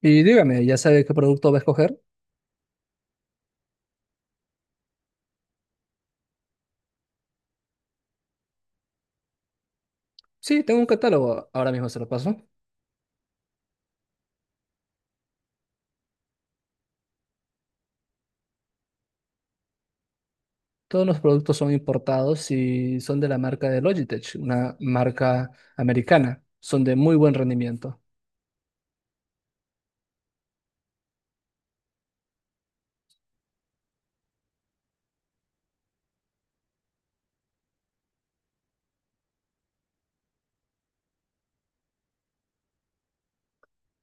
Y dígame, ¿ya sabe qué producto va a escoger? Sí, tengo un catálogo, ahora mismo se lo paso. Todos los productos son importados y son de la marca de Logitech, una marca americana. Son de muy buen rendimiento.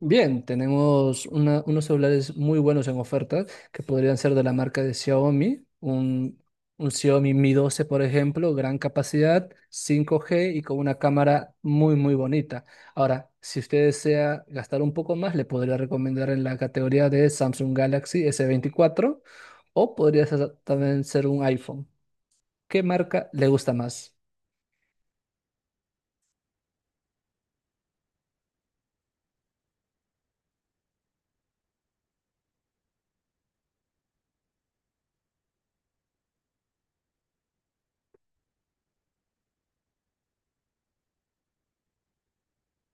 Bien, tenemos unos celulares muy buenos en oferta que podrían ser de la marca de Xiaomi, un Xiaomi Mi 12, por ejemplo, gran capacidad, 5G y con una cámara muy, muy bonita. Ahora, si usted desea gastar un poco más, le podría recomendar en la categoría de Samsung Galaxy S24 o también ser un iPhone. ¿Qué marca le gusta más?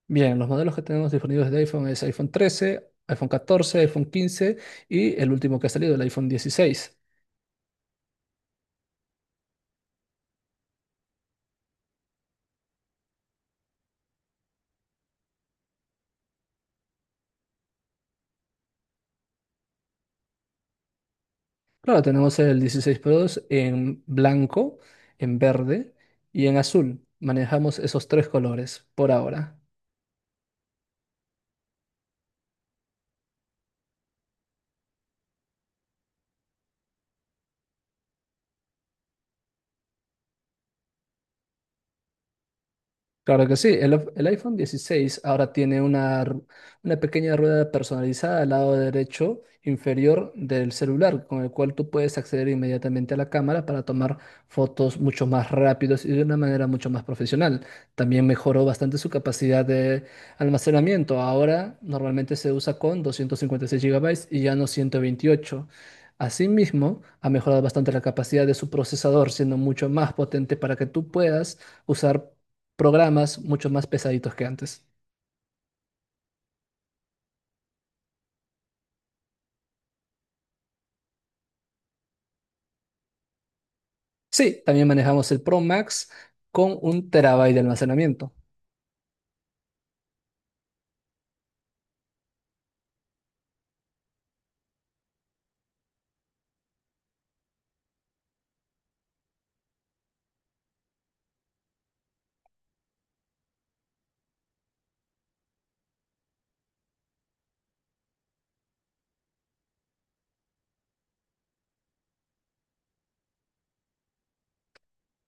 Bien, los modelos que tenemos disponibles de iPhone es iPhone 13, iPhone 14, iPhone 15 y el último que ha salido, el iPhone dieciséis. Claro, tenemos el 16 Pro en blanco, en verde y en azul. Manejamos esos tres colores por ahora. Claro que sí, el iPhone 16 ahora tiene una, una pequeña rueda personalizada al lado derecho inferior del celular, con el cual tú puedes acceder inmediatamente a la cámara para tomar fotos mucho más rápidos y de una manera mucho más profesional. También mejoró bastante su capacidad de almacenamiento. Ahora normalmente se usa con 256 GB y ya no 128. Asimismo, ha mejorado bastante la capacidad de su procesador, siendo mucho más potente para que tú puedas usar programas mucho más pesaditos que antes. Sí, también manejamos el Pro Max con un terabyte de almacenamiento.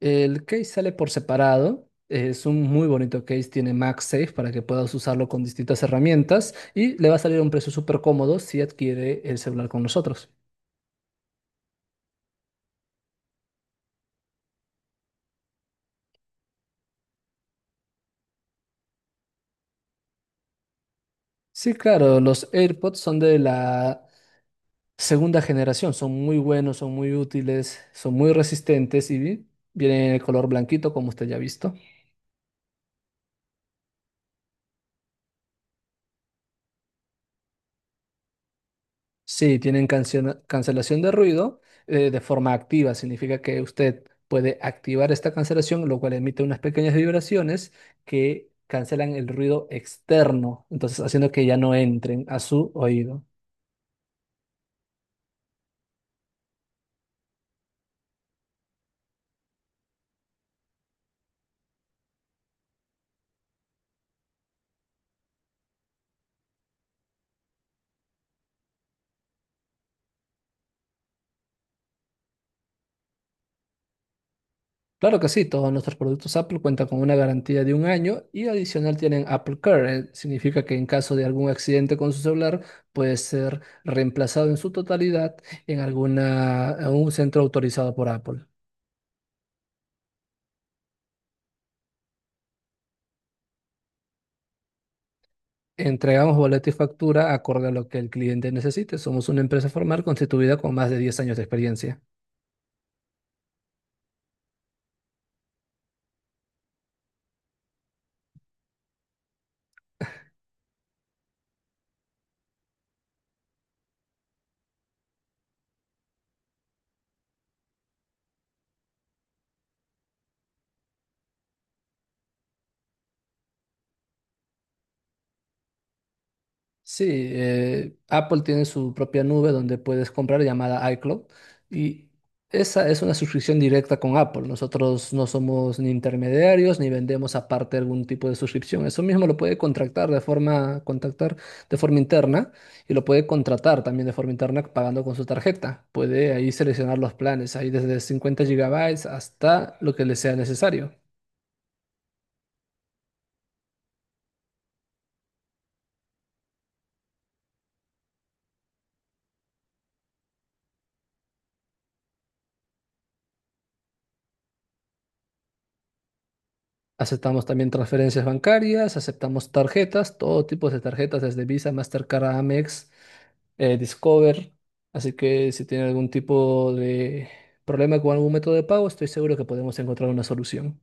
El case sale por separado. Es un muy bonito case, tiene MagSafe para que puedas usarlo con distintas herramientas y le va a salir a un precio súper cómodo si adquiere el celular con nosotros. Sí, claro, los AirPods son de la segunda generación, son muy buenos, son muy útiles, son muy resistentes y vienen en el color blanquito como usted ya ha visto. Sí, tienen cancelación de ruido de forma activa. Significa que usted puede activar esta cancelación, lo cual emite unas pequeñas vibraciones que cancelan el ruido externo, entonces haciendo que ya no entren a su oído. Claro que sí, todos nuestros productos Apple cuentan con una garantía de un año y adicional tienen Apple Care. Significa que en caso de algún accidente con su celular puede ser reemplazado en su totalidad en en un centro autorizado por Apple. Entregamos boleto y factura acorde a lo que el cliente necesite. Somos una empresa formal constituida con más de 10 años de experiencia. Sí, Apple tiene su propia nube donde puedes comprar llamada iCloud y esa es una suscripción directa con Apple. Nosotros no somos ni intermediarios ni vendemos aparte algún tipo de suscripción. Eso mismo lo puede contratar de contactar de forma interna y lo puede contratar también de forma interna pagando con su tarjeta. Puede ahí seleccionar los planes, ahí desde 50 GB hasta lo que le sea necesario. Aceptamos también transferencias bancarias, aceptamos tarjetas, todo tipo de tarjetas, desde Visa, Mastercard, Amex, Discover. Así que si tiene algún tipo de problema con algún método de pago, estoy seguro que podemos encontrar una solución.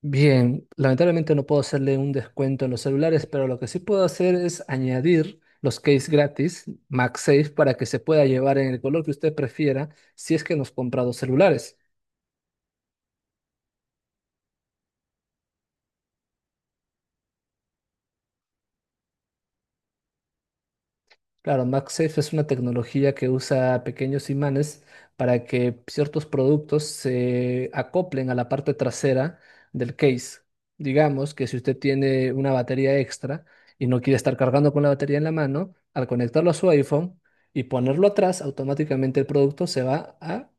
Bien, lamentablemente no puedo hacerle un descuento en los celulares, pero lo que sí puedo hacer es añadir los case gratis MagSafe para que se pueda llevar en el color que usted prefiera si es que nos compra dos celulares. Claro, MagSafe es una tecnología que usa pequeños imanes para que ciertos productos se acoplen a la parte trasera del case. Digamos que si usted tiene una batería extra y no quiere estar cargando con la batería en la mano, al conectarlo a su iPhone y ponerlo atrás, automáticamente el producto se va a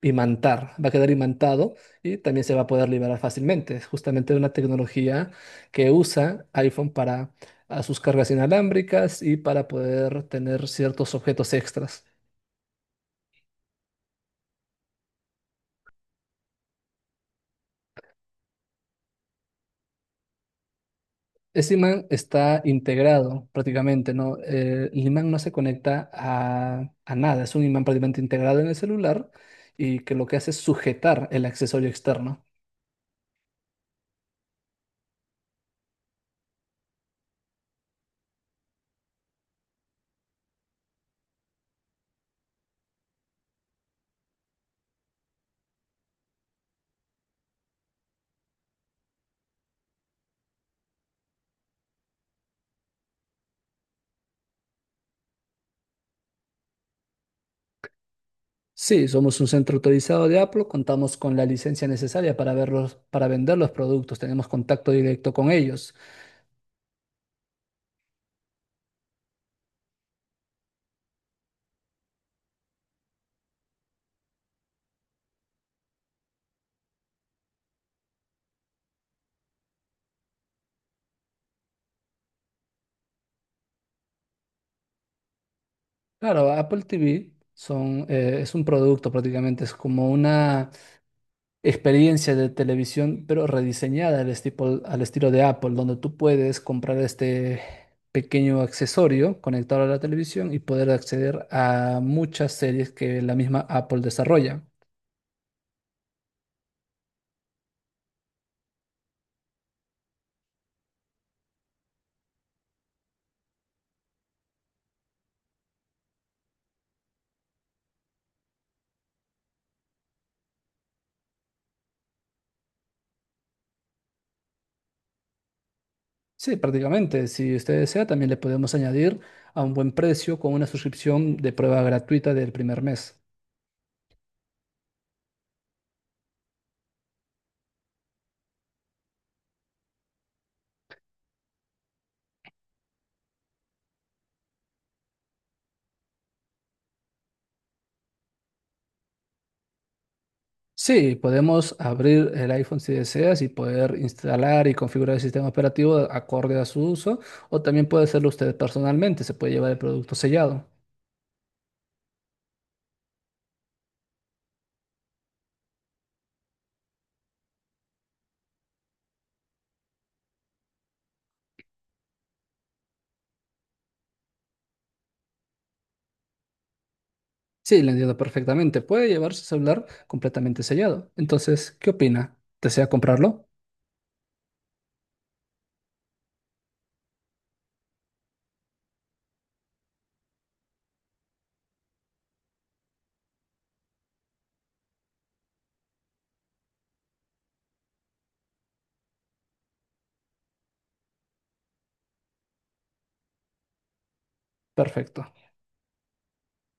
imantar, va a quedar imantado y también se va a poder liberar fácilmente. Es justamente una tecnología que usa iPhone para a sus cargas inalámbricas y para poder tener ciertos objetos extras. Ese imán está integrado prácticamente, ¿no? El imán no se conecta a nada, es un imán prácticamente integrado en el celular y que lo que hace es sujetar el accesorio externo. Sí, somos un centro autorizado de Apple, contamos con la licencia necesaria para verlos, para vender los productos, tenemos contacto directo con ellos. Claro, Apple TV son, es un producto prácticamente, es como una experiencia de televisión, pero rediseñada al estilo de Apple, donde tú puedes comprar este pequeño accesorio conectado a la televisión y poder acceder a muchas series que la misma Apple desarrolla. Sí, prácticamente. Si usted desea, también le podemos añadir a un buen precio con una suscripción de prueba gratuita del primer mes. Sí, podemos abrir el iPhone si deseas y poder instalar y configurar el sistema operativo acorde a su uso, o también puede hacerlo usted personalmente, se puede llevar el producto sellado. Sí, le entiendo perfectamente, puede llevar su celular completamente sellado. Entonces, ¿qué opina? ¿Desea comprarlo? Perfecto.